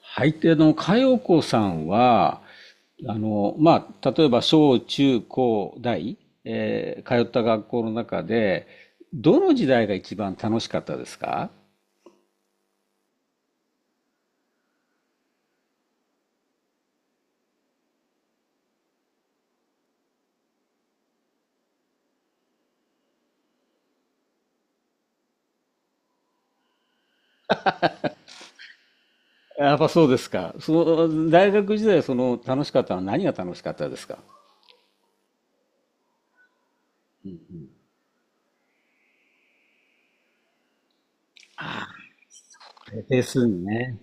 はい。で、佳代子さんは、まあ、例えば小中高大、通った学校の中で、どの時代が一番楽しかったですか？やっぱそうですか。その、大学時代、その、楽しかったのは何が楽しかったですか？定数ね。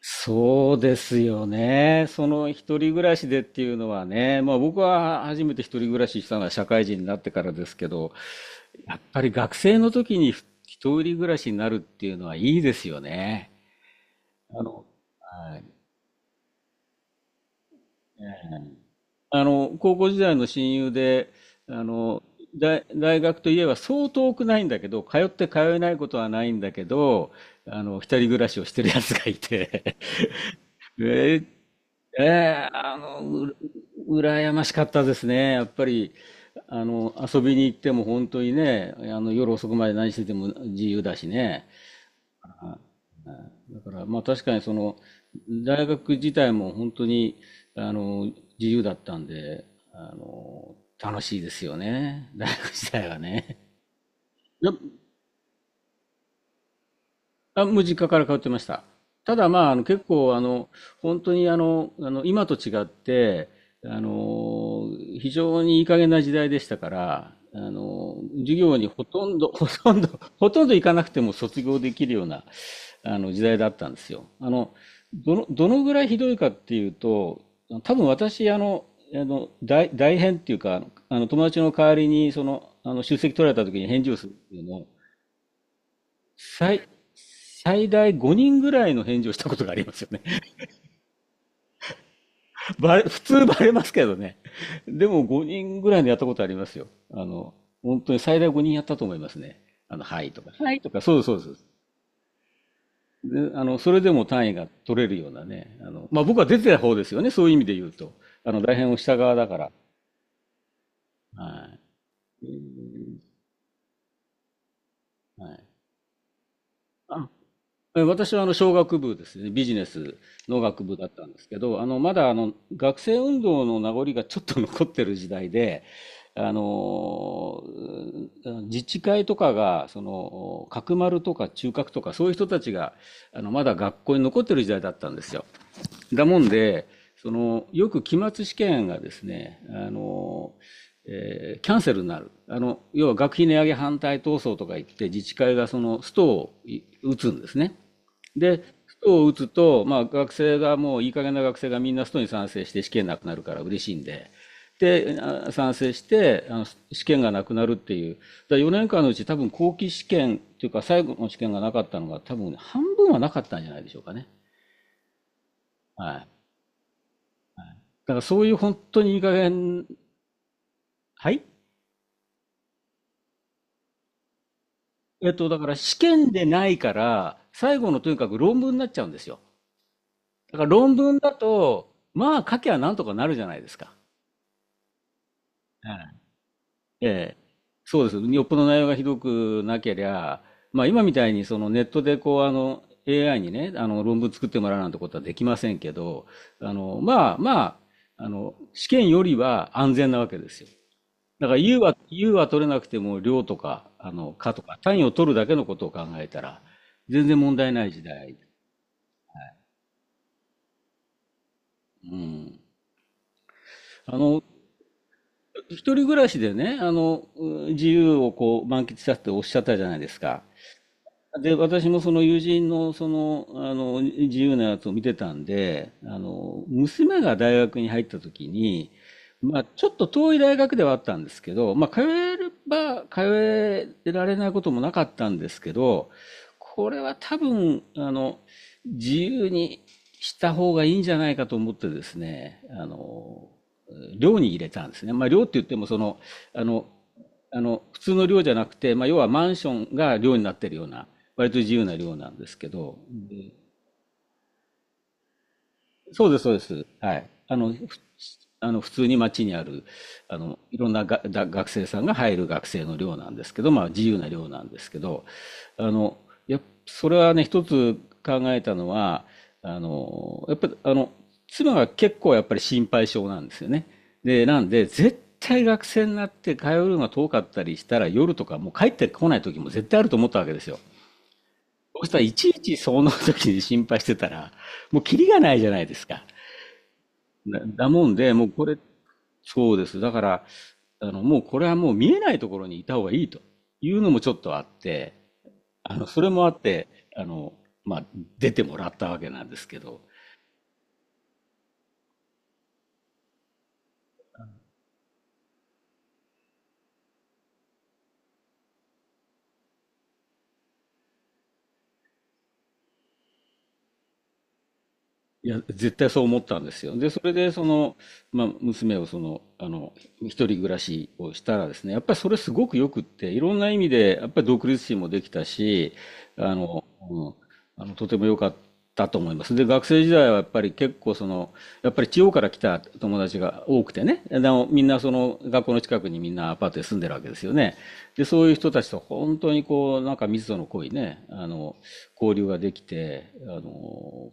そうですよね。その一人暮らしでっていうのはね、まあ僕は初めて一人暮らししたのは社会人になってからですけど、やっぱり学生の時に一人暮らしになるっていうのはいいですよね。あの、はい。高校時代の親友で、あの、大学といえばそう遠くないんだけど、通って通えないことはないんだけど、一人暮らしをしてるやつがいて、えええーあの、う、羨ましかったですね。やっぱり、遊びに行っても本当にね、夜遅くまで何してても自由だしね。だから、まあ確かにその、大学自体も本当に、あの、自由だったんで、あの、楽しいですよね。大学自体はね。や、もう実家から通ってました。ただまあ、結構本当に今と違ってあの非常にいい加減な時代でしたから授業にほとんど ほとんど行かなくても卒業できるような時代だったんですよ。どのぐらいひどいかっていうと多分私代返っていうか友達の代わりに出席取られた時に返事をするっていうのを最、最大5人ぐらいの返事をしたことがありますよね。普通バレますけどね。でも5人ぐらいのやったことありますよ。本当に最大5人やったと思いますね。はいとか、はいとか、そうです、そうです。で、それでも単位が取れるようなね。まあ、僕は出てた方ですよね。そういう意味で言うと。大変をした側だから。はい。はい。あ私は商学部ですね、ビジネスの学部だったんですけど、まだ学生運動の名残がちょっと残ってる時代で、あのうん自治会とかがその角丸とか中核とかそういう人たちがまだ学校に残ってる時代だったんですよ。だもんで、そのよく期末試験がですね、キャンセルになる。要は学費値上げ反対闘争とか言って自治会がそのストを打つんですね。で、ストを打つと、まあ、学生がもういい加減な学生がみんなストに賛成して試験なくなるから嬉しいんで、で、賛成して試験がなくなるっていう、だから4年間のうち多分後期試験というか最後の試験がなかったのが多分半分はなかったんじゃないでしょうかね。はい。だからそういう本当にいい加減、はい。だから試験でないから、最後のとにかく論文になっちゃうんですよ。だから論文だと、まあ書きゃなんとかなるじゃないですか。はい、ええ、そうです。よっぽど内容がひどくなけりゃ、まあ今みたいにそのネットでこうAI にね、論文作ってもらうなんてことはできませんけど、まあまあ、試験よりは安全なわけですよ。だから U は取れなくても量とか、かとか、単位を取るだけのことを考えたら、全然問題ない時代。うん。あの、一人暮らしでね、自由をこう満喫したっておっしゃったじゃないですか。で、私もその友人の自由なやつを見てたんで、娘が大学に入った時に、まあ、ちょっと遠い大学ではあったんですけど、まあ、通えれば通えられないこともなかったんですけど、これは多分、自由にした方がいいんじゃないかと思ってですね、寮に入れたんですね。まあ、寮って言っても、あの、普通の寮じゃなくて、まあ、要はマンションが寮になってるような割と自由な寮なんですけど、そうです、そうです。はい。あの、ふあの普通に街にある、いろんなが、だ学生さんが入る学生の寮なんですけど、まあ自由な寮なんですけど、あの、やっ、それはね、一つ考えたのは、やっぱり、妻が結構やっぱり心配性なんですよね。で、なんで、絶対学生になって通うのが遠かったりしたら、夜とかもう帰ってこない時も絶対あると思ったわけですよ。そしたらいちいちその時に心配してたら、もうキリがないじゃないですか。だもんで、もうこれ、そうです。だから、もうこれはもう見えないところにいた方がいいというのもちょっとあって、それもあって、あの、まあ、出てもらったわけなんですけど、いや、絶対そう思ったんですよ。で、それで、その、まあ、娘を一人暮らしをしたらですね、やっぱりそれすごくよくって、いろんな意味で、やっぱり独立心もできたし、あの、うん、とても良かったと思います。で、学生時代はやっぱり結構その、やっぱり地方から来た友達が多くてね、でもみんなその学校の近くにみんなアパートで住んでるわけですよね。で、そういう人たちと本当にこう、なんか密度の濃いね、交流ができて、こ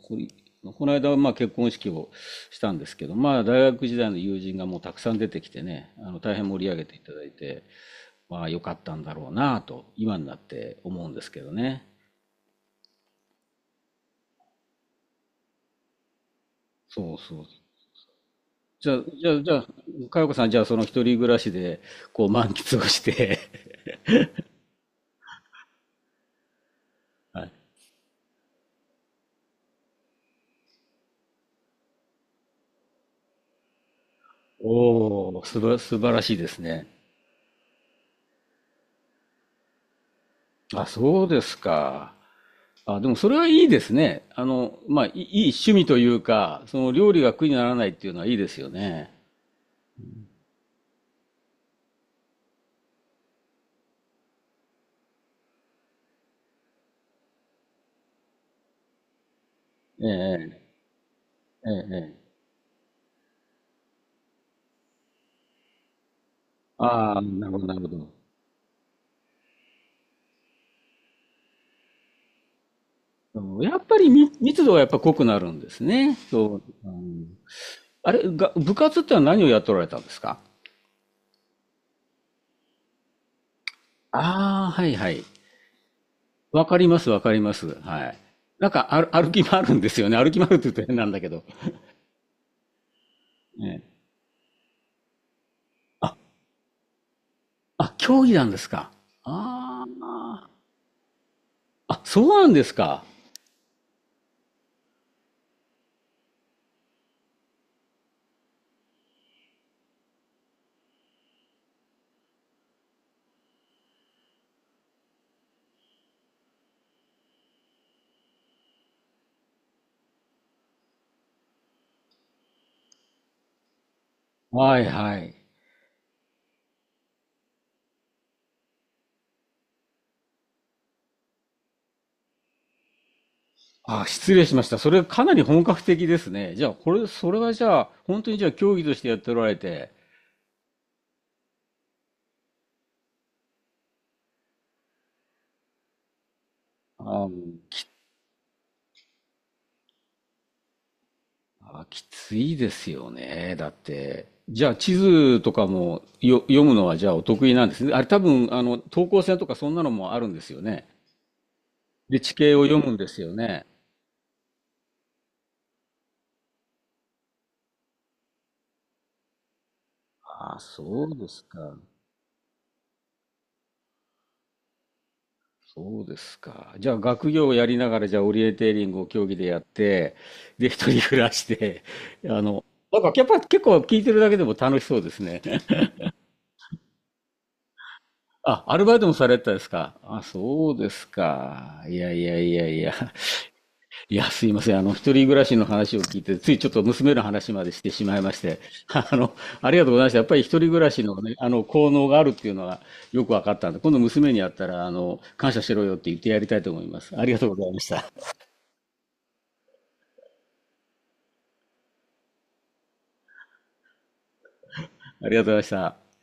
この間はまあ結婚式をしたんですけど、まあ大学時代の友人がもうたくさん出てきてね、大変盛り上げていただいて、まあ良かったんだろうなと、今になって思うんですけどね。そうそう。じゃあ、佳代子さん、じゃあ、その一人暮らしで、こう、満喫をして はい。おお、素晴らしいですね。あ、そうですか。あ、でも、それはいいですね。まあ、いい趣味というか、その料理が苦にならないっていうのはいいですよね。ええ、ええ、ええ。ああ、なるほど、なるほど。うん、やっぱり密度がやっぱ濃くなるんですね。そう。うん、あれ、が、部活ってのは何をやっておられたんですか？ああ、はいはい。わかります、わかります。はい。なんかある歩き回るんですよね。歩き回るって言うと変なんだけど。ね、あ、あ、競技なんですか？ああ。あ、そうなんですか。はいはい。あ、失礼しました。それかなり本格的ですね。じゃあ、これ、それはじゃあ、本当にじゃあ競技としてやっておられて、あーき、きついですよね。だって。じゃあ、地図とかも読むのはじゃあお得意なんですね。あれ多分、等高線とかそんなのもあるんですよね。理地系を読むんですよね。ああ、そうですか。そうですか。じゃあ、学業をやりながら、じゃあ、オリエンテーリングを競技でやって、で、一人暮らして、あの、なんか、やっぱ結構聞いてるだけでも楽しそうですね。あ、アルバイトもされてたですか？あ、そうですか。いやいやいやいや。いや、すいません。一人暮らしの話を聞いて、ついちょっと娘の話までしてしまいまして、あの、ありがとうございました。やっぱり一人暮らしのね、効能があるっていうのはよく分かったんで、今度娘に会ったら、感謝しろよって言ってやりたいと思います。ありがとうございました。ありがとうございました。